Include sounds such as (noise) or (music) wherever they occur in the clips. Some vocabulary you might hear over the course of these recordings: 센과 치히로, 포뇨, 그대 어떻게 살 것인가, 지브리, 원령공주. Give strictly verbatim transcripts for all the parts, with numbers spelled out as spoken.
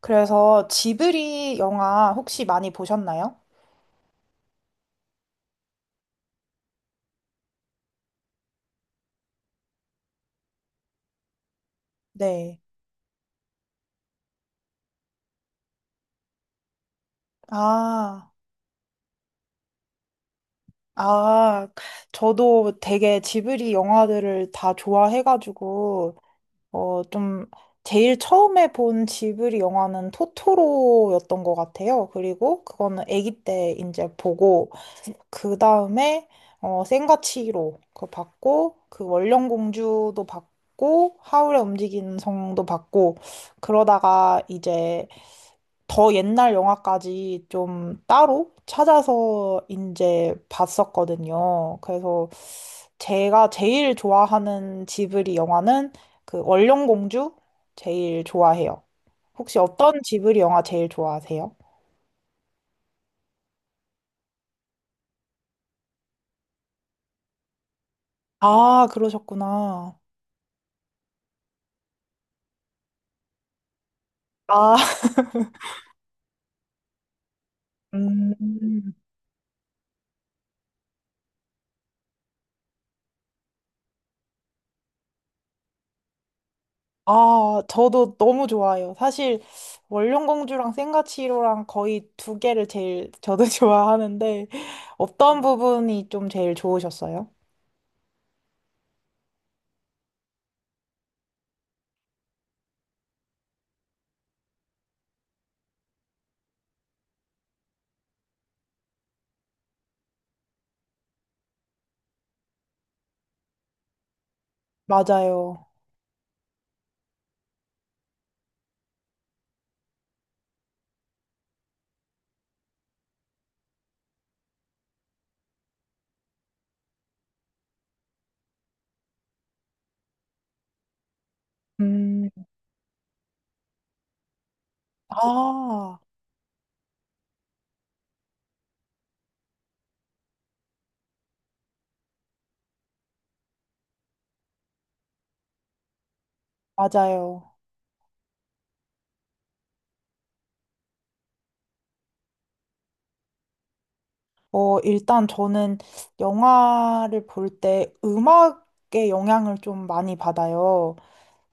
그래서 지브리 영화 혹시 많이 보셨나요? 네. 아, 아, 저도 되게 지브리 영화들을 다 좋아해가지고, 어, 좀, 제일 처음에 본 지브리 영화는 토토로였던 것 같아요. 그리고 그거는 아기 때 이제 보고, 그 다음에, 어, 센과 치히로 그거 봤고, 그 원령공주도 봤고, 하울의 움직이는 성도 봤고, 그러다가 이제 더 옛날 영화까지 좀 따로 찾아서 이제 봤었거든요. 그래서 제가 제일 좋아하는 지브리 영화는 그 원령공주 제일 좋아해요. 혹시 어떤 지브리 영화 제일 좋아하세요? 아, 그러셨구나. 아, (laughs) 음. 아, 저도 너무 좋아해요. 사실 원령공주랑 센가치로랑 거의 두 개를 제일 저도 (laughs) 좋아하는데 어떤 부분이 좀 제일 좋으셨어요? 맞아요. 음, 아, 맞아요. 어, 일단 저는 영화를 볼 때 음악의 영향을 좀 많이 받아요.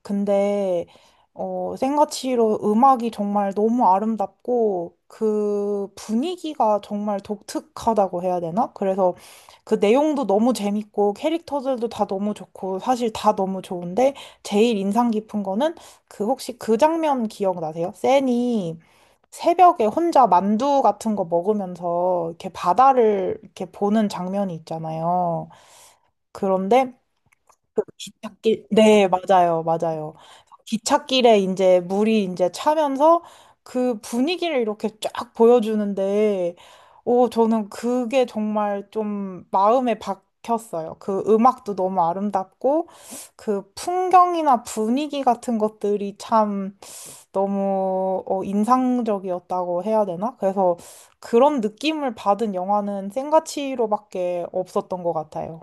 근데, 어, 생가치로 음악이 정말 너무 아름답고 그 분위기가 정말 독특하다고 해야 되나? 그래서 그 내용도 너무 재밌고 캐릭터들도 다 너무 좋고 사실 다 너무 좋은데 제일 인상 깊은 거는 그 혹시 그 장면 기억나세요? 센이? 새벽에 혼자 만두 같은 거 먹으면서 이렇게 바다를 이렇게 보는 장면이 있잖아요. 그런데 기찻길, 네, 맞아요, 맞아요. 기찻길에 이제 물이 이제 차면서 그 분위기를 이렇게 쫙 보여주는데, 오, 저는 그게 정말 좀 마음에 박혔어요. 그 음악도 너무 아름답고, 그 풍경이나 분위기 같은 것들이 참 너무 어, 인상적이었다고 해야 되나? 그래서 그런 느낌을 받은 영화는 생가치로밖에 없었던 것 같아요.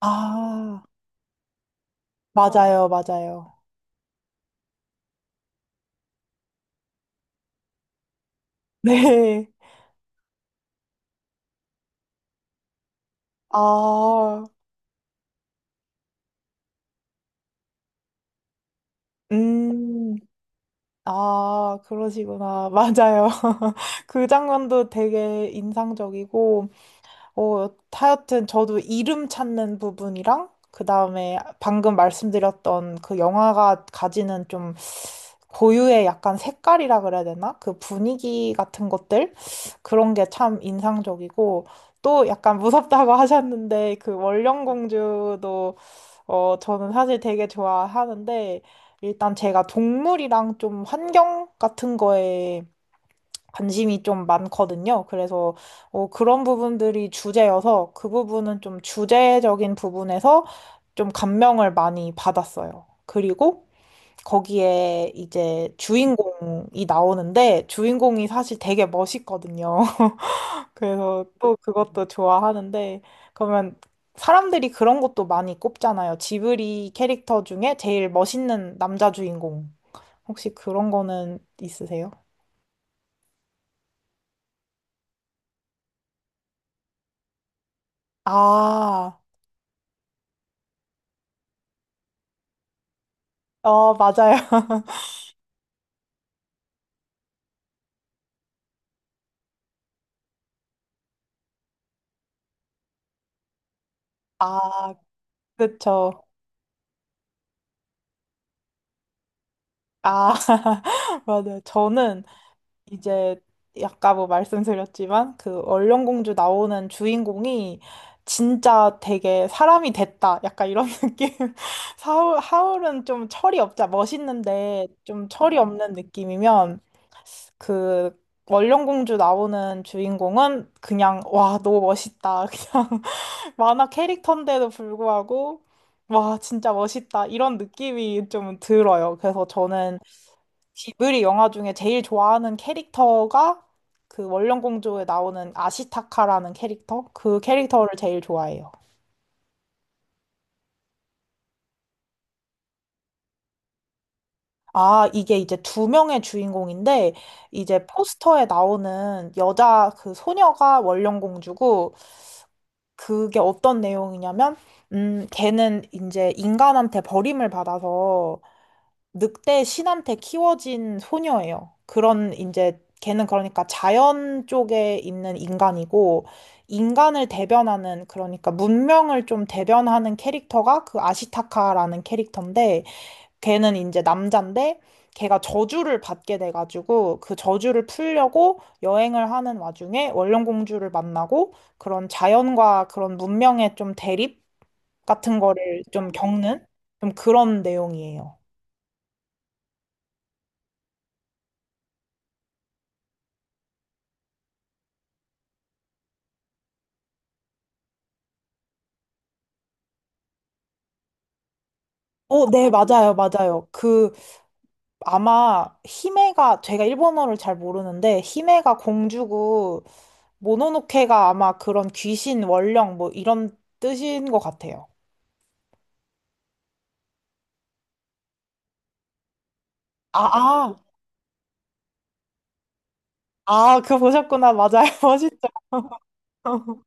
아, 맞아요, 맞아요. 네. 아, 음, 아, 그러시구나. 맞아요. (laughs) 그 장면도 되게 인상적이고, 어, 하여튼 저도 이름 찾는 부분이랑, 그 다음에 방금 말씀드렸던 그 영화가 가지는 좀 고유의 약간 색깔이라 그래야 되나? 그 분위기 같은 것들? 그런 게 참 인상적이고, 또 약간 무섭다고 (laughs) 하셨는데, 그 원령공주도, 어, 저는 사실 되게 좋아하는데, 일단 제가 동물이랑 좀 환경 같은 거에 관심이 좀 많거든요. 그래서, 어, 그런 부분들이 주제여서, 그 부분은 좀 주제적인 부분에서 좀 감명을 많이 받았어요. 그리고, 거기에 이제 주인공이 나오는데 주인공이 사실 되게 멋있거든요. (laughs) 그래서 또 그것도 좋아하는데 그러면 사람들이 그런 것도 많이 꼽잖아요. 지브리 캐릭터 중에 제일 멋있는 남자 주인공. 혹시 그런 거는 있으세요? 아, 어, 맞아요. (laughs) 아, 그쵸. 아, (laughs) 맞아요. 저는 이제 아까 뭐 말씀드렸지만 그 얼령공주 나오는 주인공이 진짜 되게 사람이 됐다. 약간 이런 (laughs) 느낌. 하울 하울은 좀 철이 없자. 멋있는데 좀 철이 없는 느낌이면 그 얼령공주 나오는 주인공은 그냥 와, 너무 멋있다. 그냥 (laughs) 만화 캐릭터인데도 불구하고 와, 진짜 멋있다. 이런 느낌이 좀 들어요. 그래서 저는 지브리 영화 중에 제일 좋아하는 캐릭터가 그 원령공주에 나오는 아시타카라는 캐릭터? 그 캐릭터를 제일 좋아해요. 아, 이게 이제 두 명의 주인공인데, 이제 포스터에 나오는 여자 그 소녀가 원령공주고, 그게 어떤 내용이냐면, 음, 걔는 이제 인간한테 버림을 받아서 늑대 신한테 키워진 소녀예요. 그런 이제 걔는 그러니까 자연 쪽에 있는 인간이고 인간을 대변하는 그러니까 문명을 좀 대변하는 캐릭터가 그 아시타카라는 캐릭터인데 걔는 이제 남잔데 걔가 저주를 받게 돼가지고 그 저주를 풀려고 여행을 하는 와중에 원령공주를 만나고 그런 자연과 그런 문명의 좀 대립 같은 거를 좀 겪는 좀 그런 내용이에요. 어, 네, 맞아요, 맞아요. 그, 아마, 히메가, 제가 일본어를 잘 모르는데, 히메가 공주고, 모노노케가 아마 그런 귀신, 원령, 뭐, 이런 뜻인 것 같아요. 아, 아, 아, 그거 보셨구나. 맞아요. (laughs) 멋있죠. (laughs)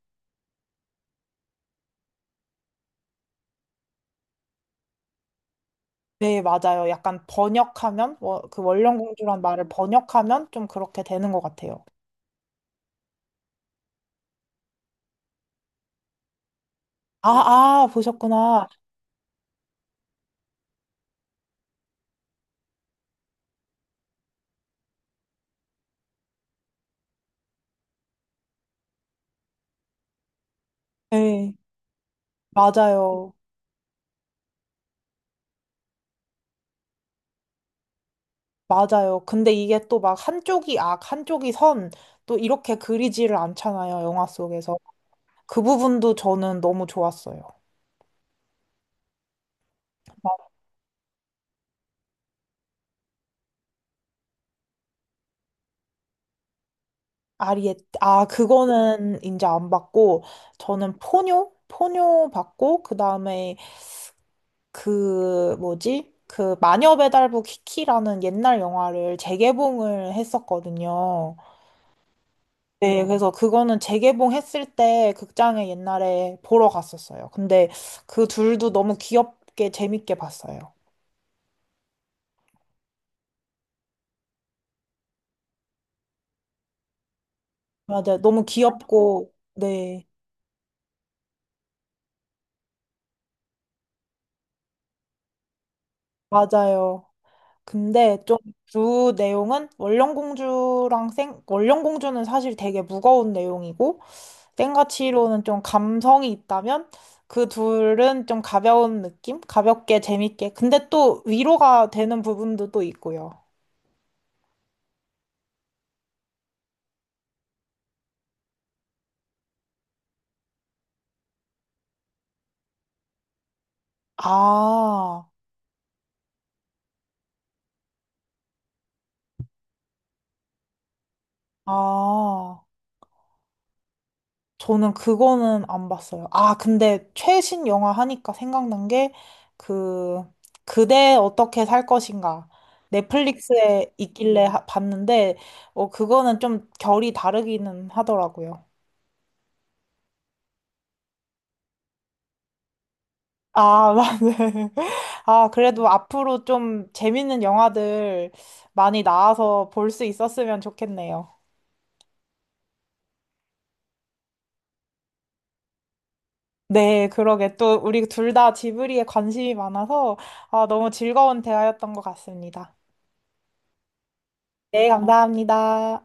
네, 맞아요. 약간 번역하면, 워- 그 원령 공주란 말을 번역하면 좀 그렇게 되는 것 같아요. 아, 아, 보셨구나. 네, 맞아요. 맞아요. 근데 이게 또 막 한쪽이 악, 한쪽이 선, 또 이렇게 그리지를 않잖아요, 영화 속에서. 그 부분도 저는 너무 좋았어요. 아리에, 아, 그거는 이제 안 받고, 저는 포뇨? 포뇨 받고, 그 다음에 그, 뭐지? 그 마녀배달부 키키라는 옛날 영화를 재개봉을 했었거든요. 네, 그래서 그거는 재개봉했을 때 극장에 옛날에 보러 갔었어요. 근데 그 둘도 너무 귀엽게 재밌게 봤어요. 맞아요. 너무 귀엽고, 네, 맞아요. 근데 좀 주 내용은 원령공주랑 생, 원령공주는 사실 되게 무거운 내용이고, 생가치로는 좀 감성이 있다면, 그 둘은 좀 가벼운 느낌? 가볍게, 재밌게. 근데 또 위로가 되는 부분도 또 있고요. 아, 아. 저는 그거는 안 봤어요. 아, 근데 최신 영화 하니까 생각난 게, 그, 그대 어떻게 살 것인가. 넷플릭스에 있길래 하- 봤는데, 어, 그거는 좀 결이 다르기는 하더라고요. 아, (laughs) 맞네. 아, 그래도 앞으로 좀 재밌는 영화들 많이 나와서 볼 수 있었으면 좋겠네요. 네, 그러게. 또 우리 둘 다 지브리에 관심이 많아서, 아, 너무 즐거운 대화였던 것 같습니다. 네, 감사합니다.